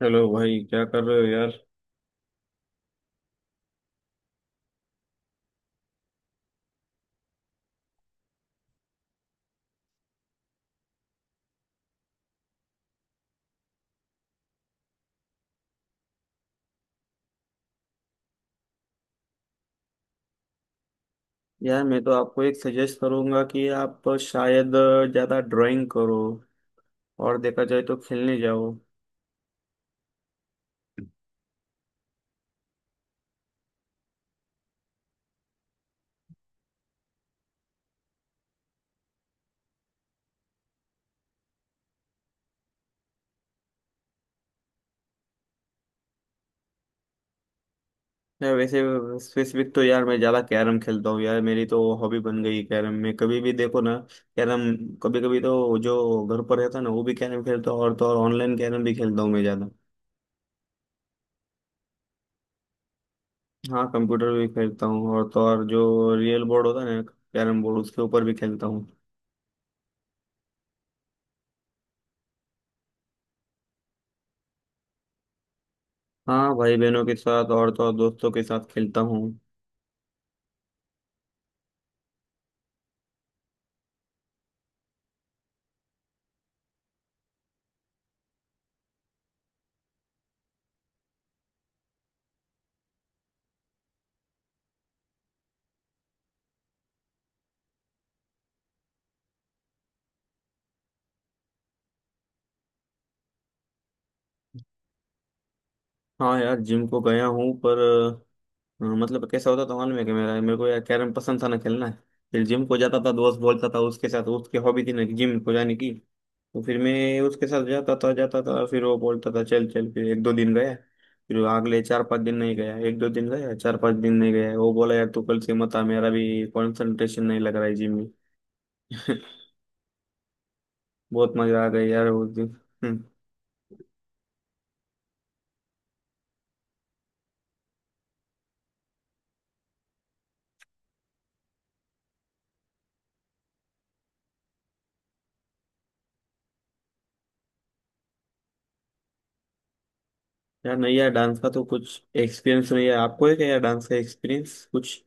चलो भाई, क्या कर रहे हो यार। यार, मैं तो आपको एक सजेस्ट करूंगा कि आप शायद ज़्यादा ड्राइंग करो और देखा जाए तो खेलने जाओ। मैं वैसे स्पेसिफिक तो यार मैं ज़्यादा कैरम खेलता हूँ यार, मेरी तो हॉबी बन गई कैरम में, कभी भी देखो ना। कैरम कभी कभी तो जो घर पर रहता है ना, वो भी कैरम खेलता हूँ, और तो और ऑनलाइन कैरम भी खेलता हूँ मैं ज़्यादा। हाँ, कंप्यूटर भी खेलता हूँ, और तो और जो रियल बोर्ड होता है ना, कैरम बोर्ड, उसके ऊपर भी खेलता हूँ। हाँ, भाई बहनों के साथ और तो और दोस्तों के साथ खेलता हूँ। हाँ यार, जिम को गया हूँ, पर मतलब कैसा होता था मालूम है कि मेरा मेरे को यार कैरम पसंद था ना खेलना। फिर जिम को जाता था, दोस्त बोलता था उसके साथ, उसकी हॉबी थी ना जिम को जाने की, तो फिर मैं उसके साथ जाता था, फिर वो बोलता था चल चल, फिर एक दो दिन गया। फिर वो अगले चार पाँच दिन नहीं गया, एक दो दिन गया, चार पाँच दिन नहीं गया, वो बोला यार तू कल से मत आ, मेरा भी कंसंट्रेशन नहीं लग रहा है जिम में। बहुत मजा आ गया यार उस दिन। हम्म। यार नहीं यार, डांस का तो कुछ एक्सपीरियंस नहीं है। आपको है क्या यार डांस का एक्सपीरियंस कुछ?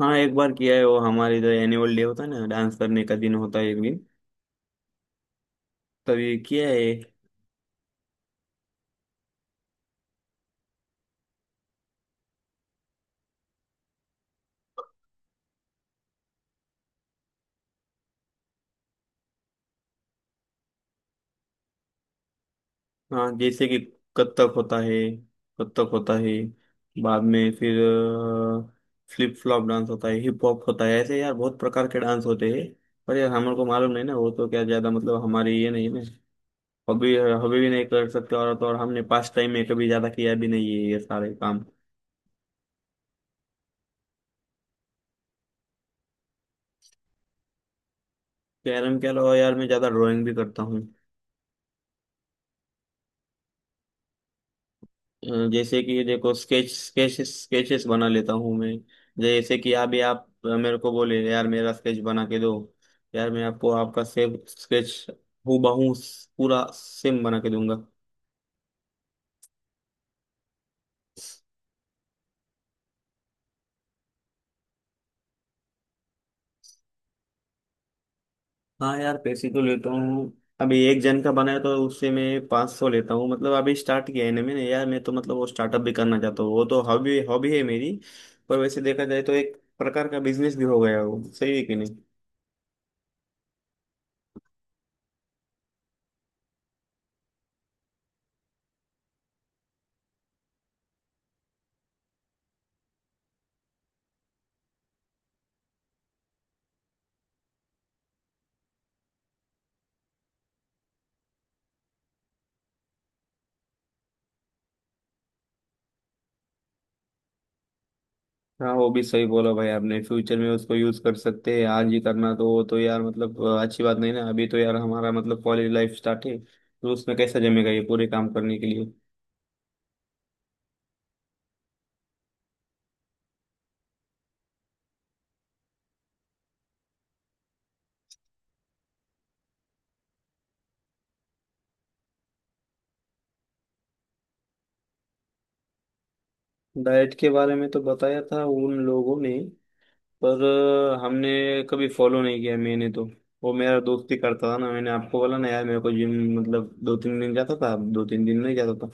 हाँ, एक बार किया है। वो हमारे जो एनुअल डे होता है ना, डांस करने का दिन होता है एक दिन, तभी किया है। हाँ, जैसे कि कथक होता है। कथक होता है, बाद में फिर फ्लिप फ्लॉप डांस होता है, हिप हॉप होता है, ऐसे यार बहुत प्रकार के डांस होते हैं। पर यार हमारे को मालूम नहीं ना, वो तो क्या ज्यादा, मतलब हमारी ये नहीं ना, हॉबी हॉबी भी नहीं कर सकते, और तो और हमने पास टाइम में कभी ज्यादा किया भी नहीं है ये सारे काम। कैरम के अलावा यार मैं ज्यादा ड्राइंग भी करता हूँ। जैसे कि देखो, स्केच स्केच स्केचेस बना लेता हूँ मैं। जैसे कि अभी आप मेरे को बोले यार मेरा स्केच बना के दो, यार मैं आपको आपका सेम स्केच, हूबहू, पूरा सेम बना के दूंगा। हाँ यार, पैसे तो लेता हूँ। अभी एक जन का बनाया तो उससे मैं 500 लेता हूँ। मतलब अभी स्टार्ट किया है ना मैंने यार, मैं तो मतलब वो स्टार्टअप भी करना चाहता हूँ, वो तो हॉबी हॉबी है मेरी। पर वैसे देखा जाए तो एक प्रकार का बिजनेस भी हो गया है। वो सही है कि नहीं? हाँ, वो भी सही बोला भाई आपने, फ्यूचर में उसको यूज कर सकते हैं, आज ही करना तो वो तो यार मतलब अच्छी बात नहीं ना। अभी तो यार हमारा मतलब कॉलेज लाइफ स्टार्ट है, तो उसमें कैसा जमेगा ये पूरे काम करने के लिए। डाइट के बारे में तो बताया था उन लोगों ने, पर हमने कभी फॉलो नहीं किया मैंने तो। वो मेरा दोस्त ही करता था ना, मैंने आपको बोला ना यार, मेरे को जिम मतलब दो तीन दिन जाता था, दो तीन दिन नहीं जाता था।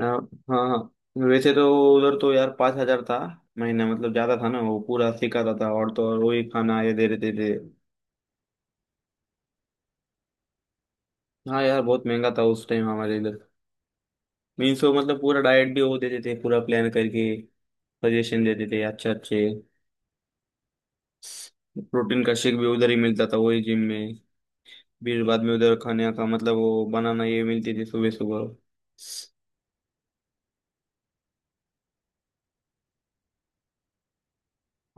हाँ। हाँ हाँ। वैसे तो उधर तो यार 5,000 था महीना, मतलब ज्यादा था ना, वो पूरा सिखाता था और तो और वही खाना ये दे देते थे। हाँ यार, बहुत महंगा था उस टाइम हमारे इधर। मीन्स वो मतलब पूरा डाइट भी वो देते थे, पूरा प्लान करके सजेशन देते थे अच्छे अच्छे। प्रोटीन का शेक भी उधर ही मिलता था वही जिम में। फिर बाद में उधर खाने का मतलब वो बनाना ये मिलती थी सुबह सुबह।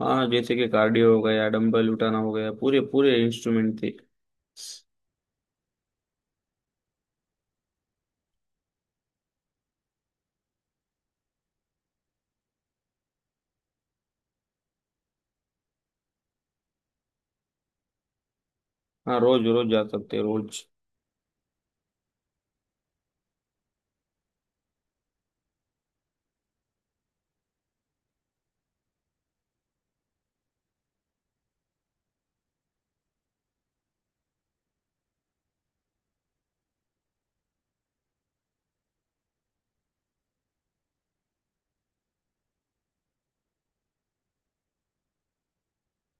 हाँ, जैसे कि कार्डियो हो गया, डंबल उठाना हो गया, पूरे पूरे इंस्ट्रूमेंट थे। हाँ, रोज रोज जा सकते, रोज।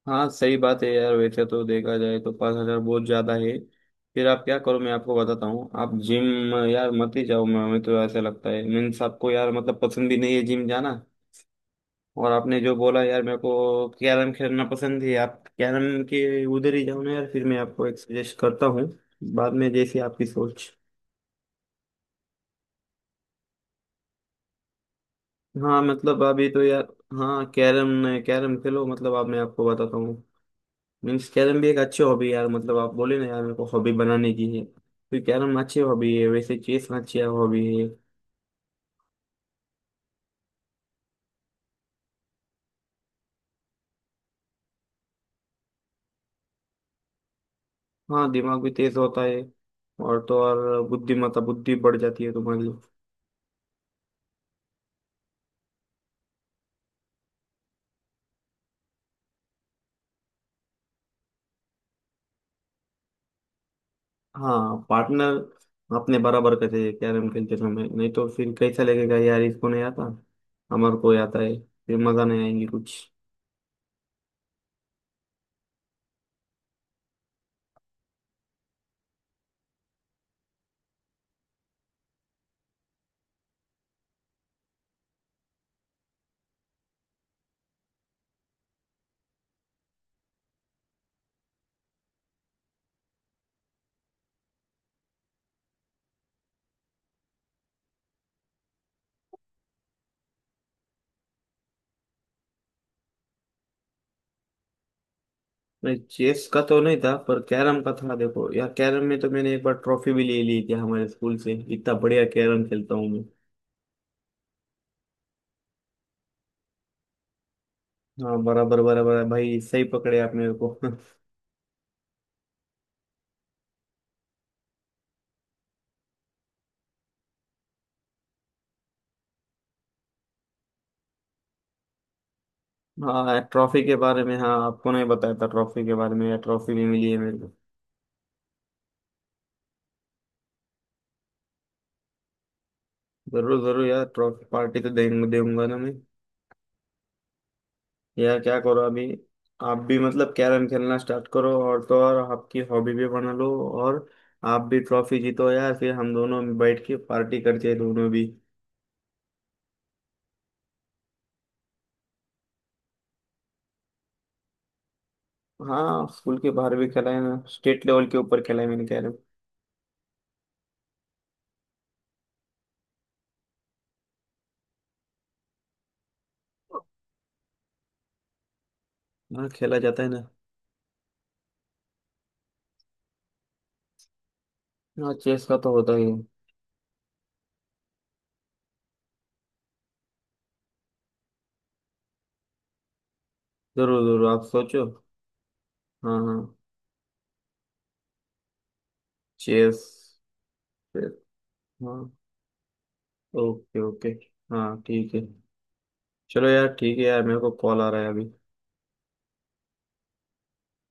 हाँ सही बात है यार, वैसे तो देखा जाए तो 5,000 बहुत ज्यादा है। फिर आप क्या करो, मैं आपको बताता हूँ, आप जिम यार मत ही जाओ। मैं, हमें तो ऐसा लगता है, मीन्स आपको यार मतलब पसंद भी नहीं है जिम जाना। और आपने जो बोला यार मेरे को कैरम खेलना पसंद है, आप कैरम के उधर ही जाओ ना यार, फिर मैं आपको एक सजेस्ट करता हूँ। बाद में जैसी आपकी सोच। हाँ मतलब अभी तो यार, हाँ, कैरम कैरम खेलो, मतलब अब मैं आपको बताता हूँ। मीन्स कैरम भी एक अच्छी हॉबी है यार, मतलब आप बोले ना यार मेरे को हॉबी बनाने की है, तो कैरम अच्छी हॉबी है, वैसे चेस अच्छी हॉबी है। हाँ, दिमाग भी तेज होता है, और तो और बुद्धि बढ़ जाती है तुम्हारी। हाँ, पार्टनर अपने बराबर का चाहिए कैरम खेलते समय, नहीं तो फिर कैसा लगेगा यार, इसको नहीं आता, हमारे को आता है, फिर मजा नहीं आएंगी कुछ। नहीं, चेस का तो नहीं था पर कैरम का था। देखो यार, कैरम में तो मैंने एक बार ट्रॉफी भी ले ली थी हमारे स्कूल से, इतना बढ़िया कैरम खेलता हूँ। हाँ बराबर बराबर है भाई, सही पकड़े आप मेरे को। हाँ ट्रॉफी के बारे में, हाँ आपको नहीं बताया था ट्रॉफी के बारे में या? ट्रॉफी भी मिली है मेरे को। जरूर जरूर यार, ट्रॉफी पार्टी तो देंगे दूंगा ना मैं। यार क्या करो अभी, आप भी मतलब कैरम खेलना स्टार्ट करो, और तो और आपकी हॉबी भी बना लो, और आप भी ट्रॉफी जीतो यार, फिर हम दोनों बैठ के पार्टी करते हैं दोनों भी। हाँ, स्कूल के बाहर भी खेला है ना, स्टेट लेवल के ऊपर खेला है मैंने कैरम। हाँ, खेला जाता है ना। हाँ, चेस का तो होता ही है। जरूर जरूर, आप सोचो। हाँ हाँ, चेस। हाँ, ओके ओके। हाँ ठीक है। चलो यार ठीक है यार, मेरे को कॉल आ रहा है अभी।